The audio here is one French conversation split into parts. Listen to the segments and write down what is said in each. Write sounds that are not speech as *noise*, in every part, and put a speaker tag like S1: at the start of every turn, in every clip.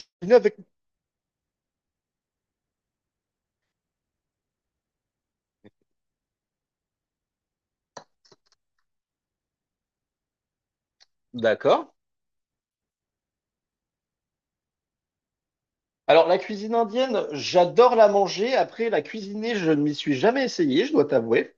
S1: Cuisiner avec. D'accord. Alors, la cuisine indienne, j'adore la manger. Après, la cuisiner, je ne m'y suis jamais essayé, je dois t'avouer.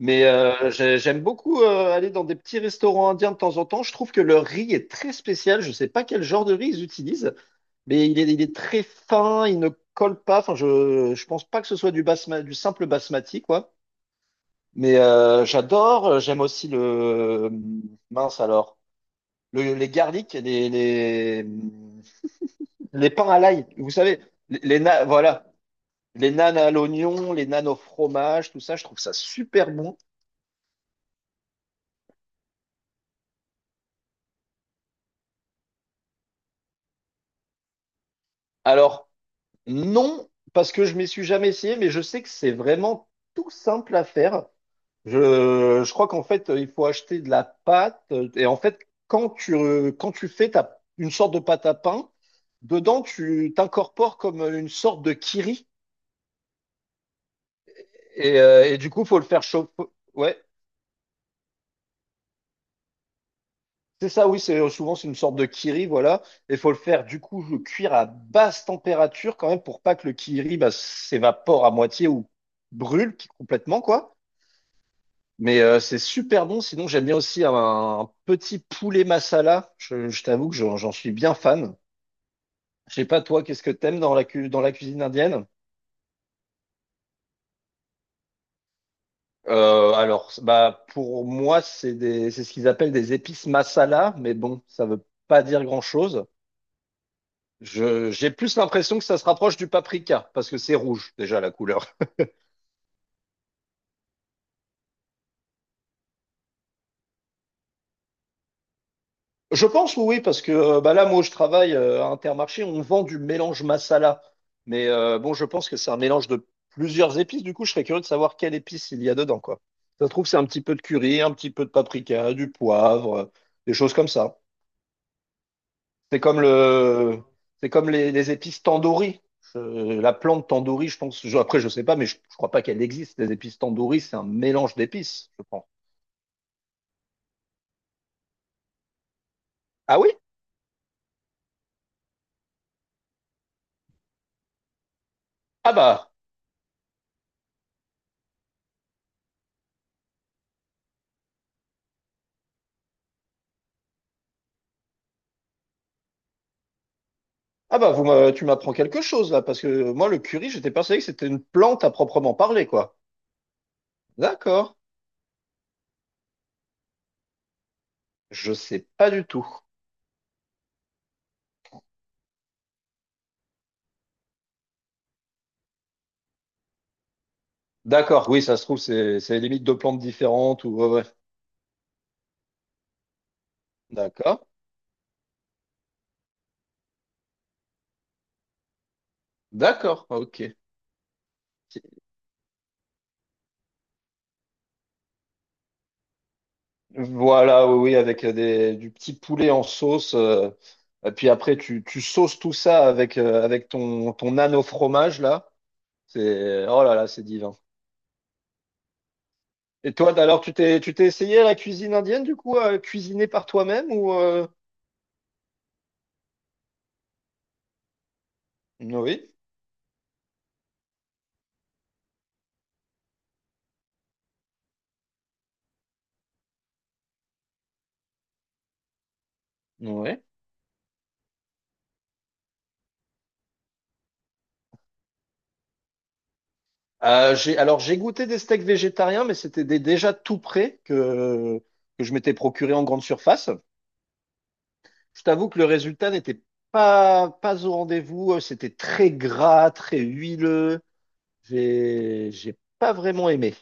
S1: Mais j'aime beaucoup aller dans des petits restaurants indiens de temps en temps. Je trouve que leur riz est très spécial. Je ne sais pas quel genre de riz ils utilisent, mais il est très fin, il ne colle pas. Enfin, je ne pense pas que ce soit du simple basmati, quoi. Mais j'adore. J'aime aussi le… Mince alors. Les garlics, les… Les pains à l'ail, vous savez, voilà, les nanes à l'oignon, les nanes au fromage, tout ça, je trouve ça super bon. Alors, non, parce que je m'y suis jamais essayé, mais je sais que c'est vraiment tout simple à faire. Je crois qu'en fait, il faut acheter de la pâte. Et en fait, quand tu fais une sorte de pâte à pain, dedans, tu t'incorpores comme une sorte de kiri. Et du coup, faut le faire chauffer. Ouais. C'est ça, oui, c'est une sorte de kiri, voilà. Il faut le faire du coup le cuire à basse température quand même pour pas que le kiri bah, s'évapore à moitié ou complètement quoi. Mais c'est super bon. Sinon, j'aime bien aussi un petit poulet masala. Je t'avoue que j'en suis bien fan. Je sais pas toi, qu'est-ce que t'aimes dans dans la cuisine indienne? Bah pour moi, c'est des c'est ce qu'ils appellent des épices masala, mais bon, ça veut pas dire grand-chose. J'ai plus l'impression que ça se rapproche du paprika, parce que c'est rouge déjà la couleur. Je pense oui, parce que bah là, moi, où je travaille à Intermarché, on vend du mélange masala. Mais bon, je pense que c'est un mélange de plusieurs épices. Du coup, je serais curieux de savoir quelle épice il y a dedans, quoi. Ça se trouve, c'est un petit peu de curry, un petit peu de paprika, du poivre, des choses comme ça. C'est comme le, c'est comme les épices tandoori. La plante tandoori, je pense. Je- après, je sais pas, mais je crois pas qu'elle existe. Les épices tandoori, c'est un mélange d'épices, je pense. Ah oui? Ah bah, ah bah, tu m'apprends quelque chose là, parce que moi, le curry, j'étais persuadé que c'était une plante à proprement parler, quoi. D'accord. Je sais pas du tout. D'accord, oui, ça se trouve, c'est limite deux plantes différentes ou ouais, ouais. D'accord. D'accord, ok. Voilà, oui, oui, avec du petit poulet en sauce. Et puis après, tu sauces tout ça avec, avec ton nano fromage, là. C'est, oh là là, c'est divin. Et toi, alors, tu t'es essayé à la cuisine indienne, du coup, à cuisiner par toi-même ou oui, oui. Alors j'ai goûté des steaks végétariens, mais c'était des déjà tout prêts que je m'étais procuré en grande surface. Je t'avoue que le résultat n'était pas au rendez-vous. C'était très gras, très huileux. J'ai pas vraiment aimé.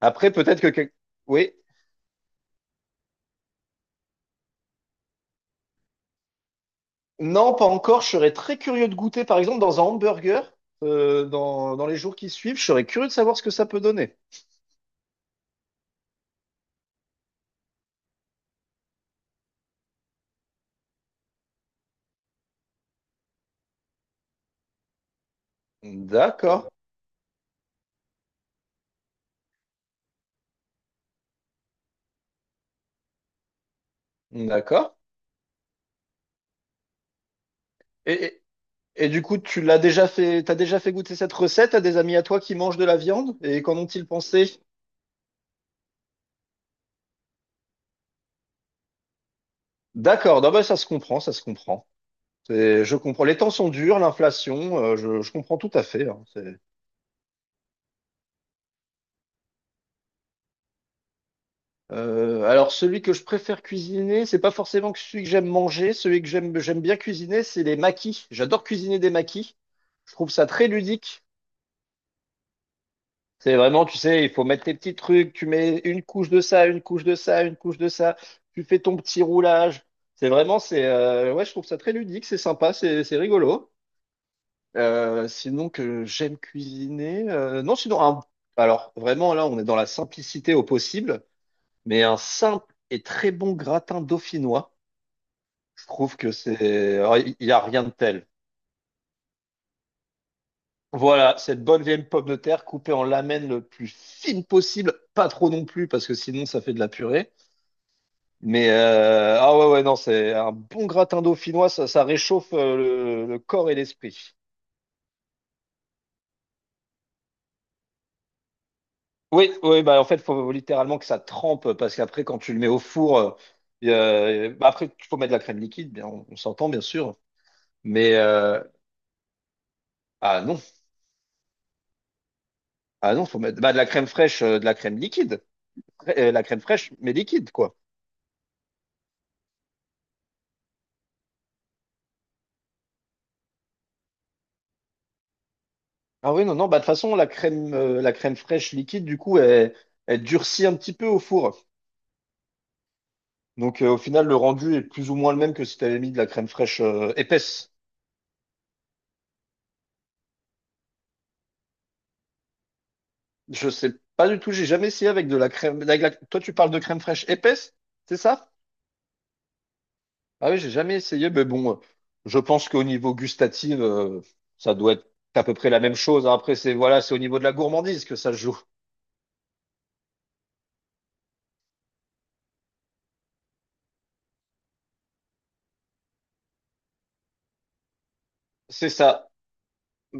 S1: Après, oui. Non, pas encore. Je serais très curieux de goûter, par exemple, dans un hamburger, dans, dans les jours qui suivent. Je serais curieux de savoir ce que ça peut donner. D'accord, d'accord. Et, Et du coup, tu l'as déjà fait, t'as déjà fait goûter cette recette à des amis à toi qui mangent de la viande? Et qu'en ont-ils pensé? D'accord, non, bah, ça se comprend, ça se comprend. Je comprends. Les temps sont durs, l'inflation, je comprends tout à fait. Hein, c'est- celui que je préfère cuisiner, c'est pas forcément que celui que j'aime manger. Celui que j'aime bien cuisiner, c'est les maquis. J'adore cuisiner des maquis. Je trouve ça très ludique. C'est vraiment, tu sais, il faut mettre tes petits trucs, tu mets une couche de ça, une couche de ça, une couche de ça, tu fais ton petit roulage. Ouais, je trouve ça très ludique, c'est sympa, c'est rigolo. Sinon que j'aime cuisiner, non, sinon, alors vraiment là, on est dans la simplicité au possible, mais un simple et très bon gratin dauphinois, je trouve que c'est, alors, il n'y a rien de tel. Voilà, cette bonne vieille pomme de terre coupée en lamelles le plus fine possible, pas trop non plus, parce que sinon ça fait de la purée. Mais ah ouais, ouais, non, c'est un bon gratin dauphinois, ça réchauffe le corps et l'esprit. Oui, oui, bah en fait, faut littéralement que ça trempe, parce qu'après, quand tu le mets au four, bah, après, il faut mettre de la crème liquide, bien, on s'entend bien sûr. Mais ah non, ah non, faut mettre bah, de la crème fraîche, de la crème liquide. La crème fraîche, mais liquide, quoi. Ah oui, non, non, bah de toute façon, la crème fraîche liquide, du coup, elle durcit un petit peu au four. Donc au final, le rendu est plus ou moins le même que si tu avais mis de la crème fraîche épaisse. Je sais pas du tout, j'ai jamais essayé avec de la crème. Avec la- toi, tu parles de crème fraîche épaisse, c'est ça? Ah oui, j'ai jamais essayé, mais bon, je pense qu'au niveau gustatif, ça doit être à peu près la même chose. Hein. Après, c'est voilà, c'est au niveau de la gourmandise que ça se joue. C'est ça,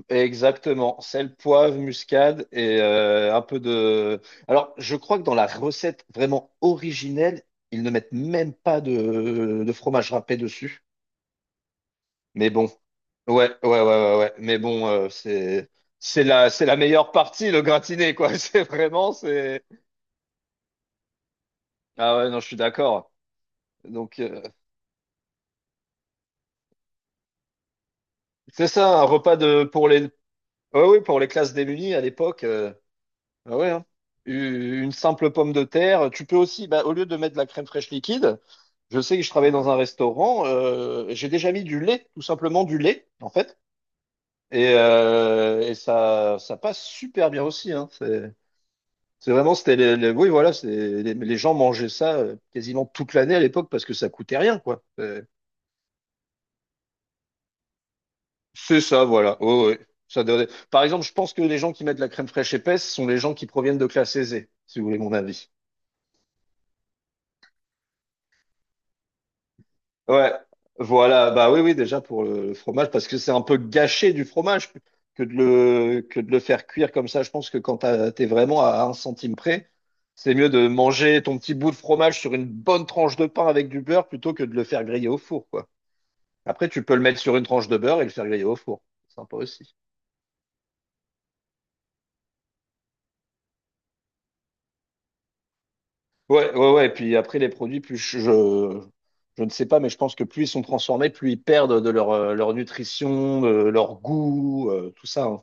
S1: exactement. Sel, poivre, muscade et un peu de. Alors, je crois que dans la recette vraiment originelle, ils ne mettent même pas de fromage râpé dessus. Mais bon, ouais, ouais, ouais, ouais, ouais. Mais bon, c'est la meilleure partie, le gratiné, quoi. *laughs* C'est. Ah ouais, non, je suis d'accord. Donc euh, un repas de pour les ouais, ouais, pour les classes démunies à l'époque. Ah ouais, hein. Une simple pomme de terre. Tu peux aussi, bah, au lieu de mettre de la crème fraîche liquide, je sais que je travaillais dans un restaurant. J'ai déjà mis du lait, tout simplement du lait, en fait. Et ça passe super bien aussi, hein. C'est vraiment, c'était oui, voilà, c'est, les gens mangeaient ça quasiment toute l'année à l'époque parce que ça coûtait rien, quoi. C'est ça, voilà. Oh, ouais. Par exemple, je pense que les gens qui mettent la crème fraîche épaisse sont les gens qui proviennent de classe aisée, si vous voulez mon avis. Ouais, voilà, bah oui, oui, déjà pour le fromage, parce que c'est un peu gâché du fromage que de que de le faire cuire comme ça. Je pense que quand t'es vraiment à un centime près, c'est mieux de manger ton petit bout de fromage sur une bonne tranche de pain avec du beurre plutôt que de le faire griller au four, quoi. Après, tu peux le mettre sur une tranche de beurre et le faire griller au four. C'est sympa aussi. Ouais, ouais, ouais. Et puis après, les produits, je ne sais pas, mais je pense que plus ils sont transformés, plus ils perdent de leur, leur nutrition, de leur goût, tout ça, hein.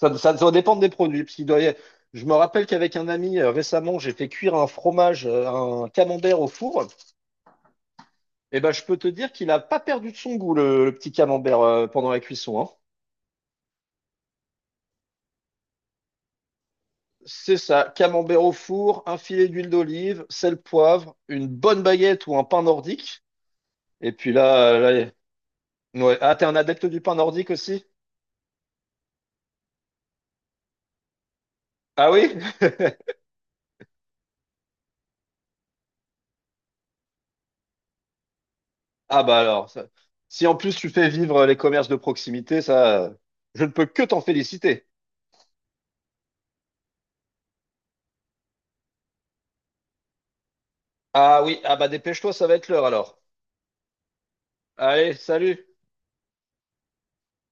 S1: Ça va dépendre des produits. Parce qu'il je me rappelle qu'avec un ami, récemment, j'ai fait cuire un fromage, un camembert au four. Et ben, je peux te dire qu'il n'a pas perdu de son goût, le petit camembert, pendant la cuisson, hein. C'est ça, camembert au four, un filet d'huile d'olive, sel, poivre, une bonne baguette ou un pain nordique. Et puis là, là, y- ouais. Ah, t'es un adepte du pain nordique aussi? Ah oui? Ah bah alors, ça- si en plus tu fais vivre les commerces de proximité, ça, je ne peux que t'en féliciter. Ah oui, ah bah dépêche-toi, ça va être l'heure alors. Allez, salut!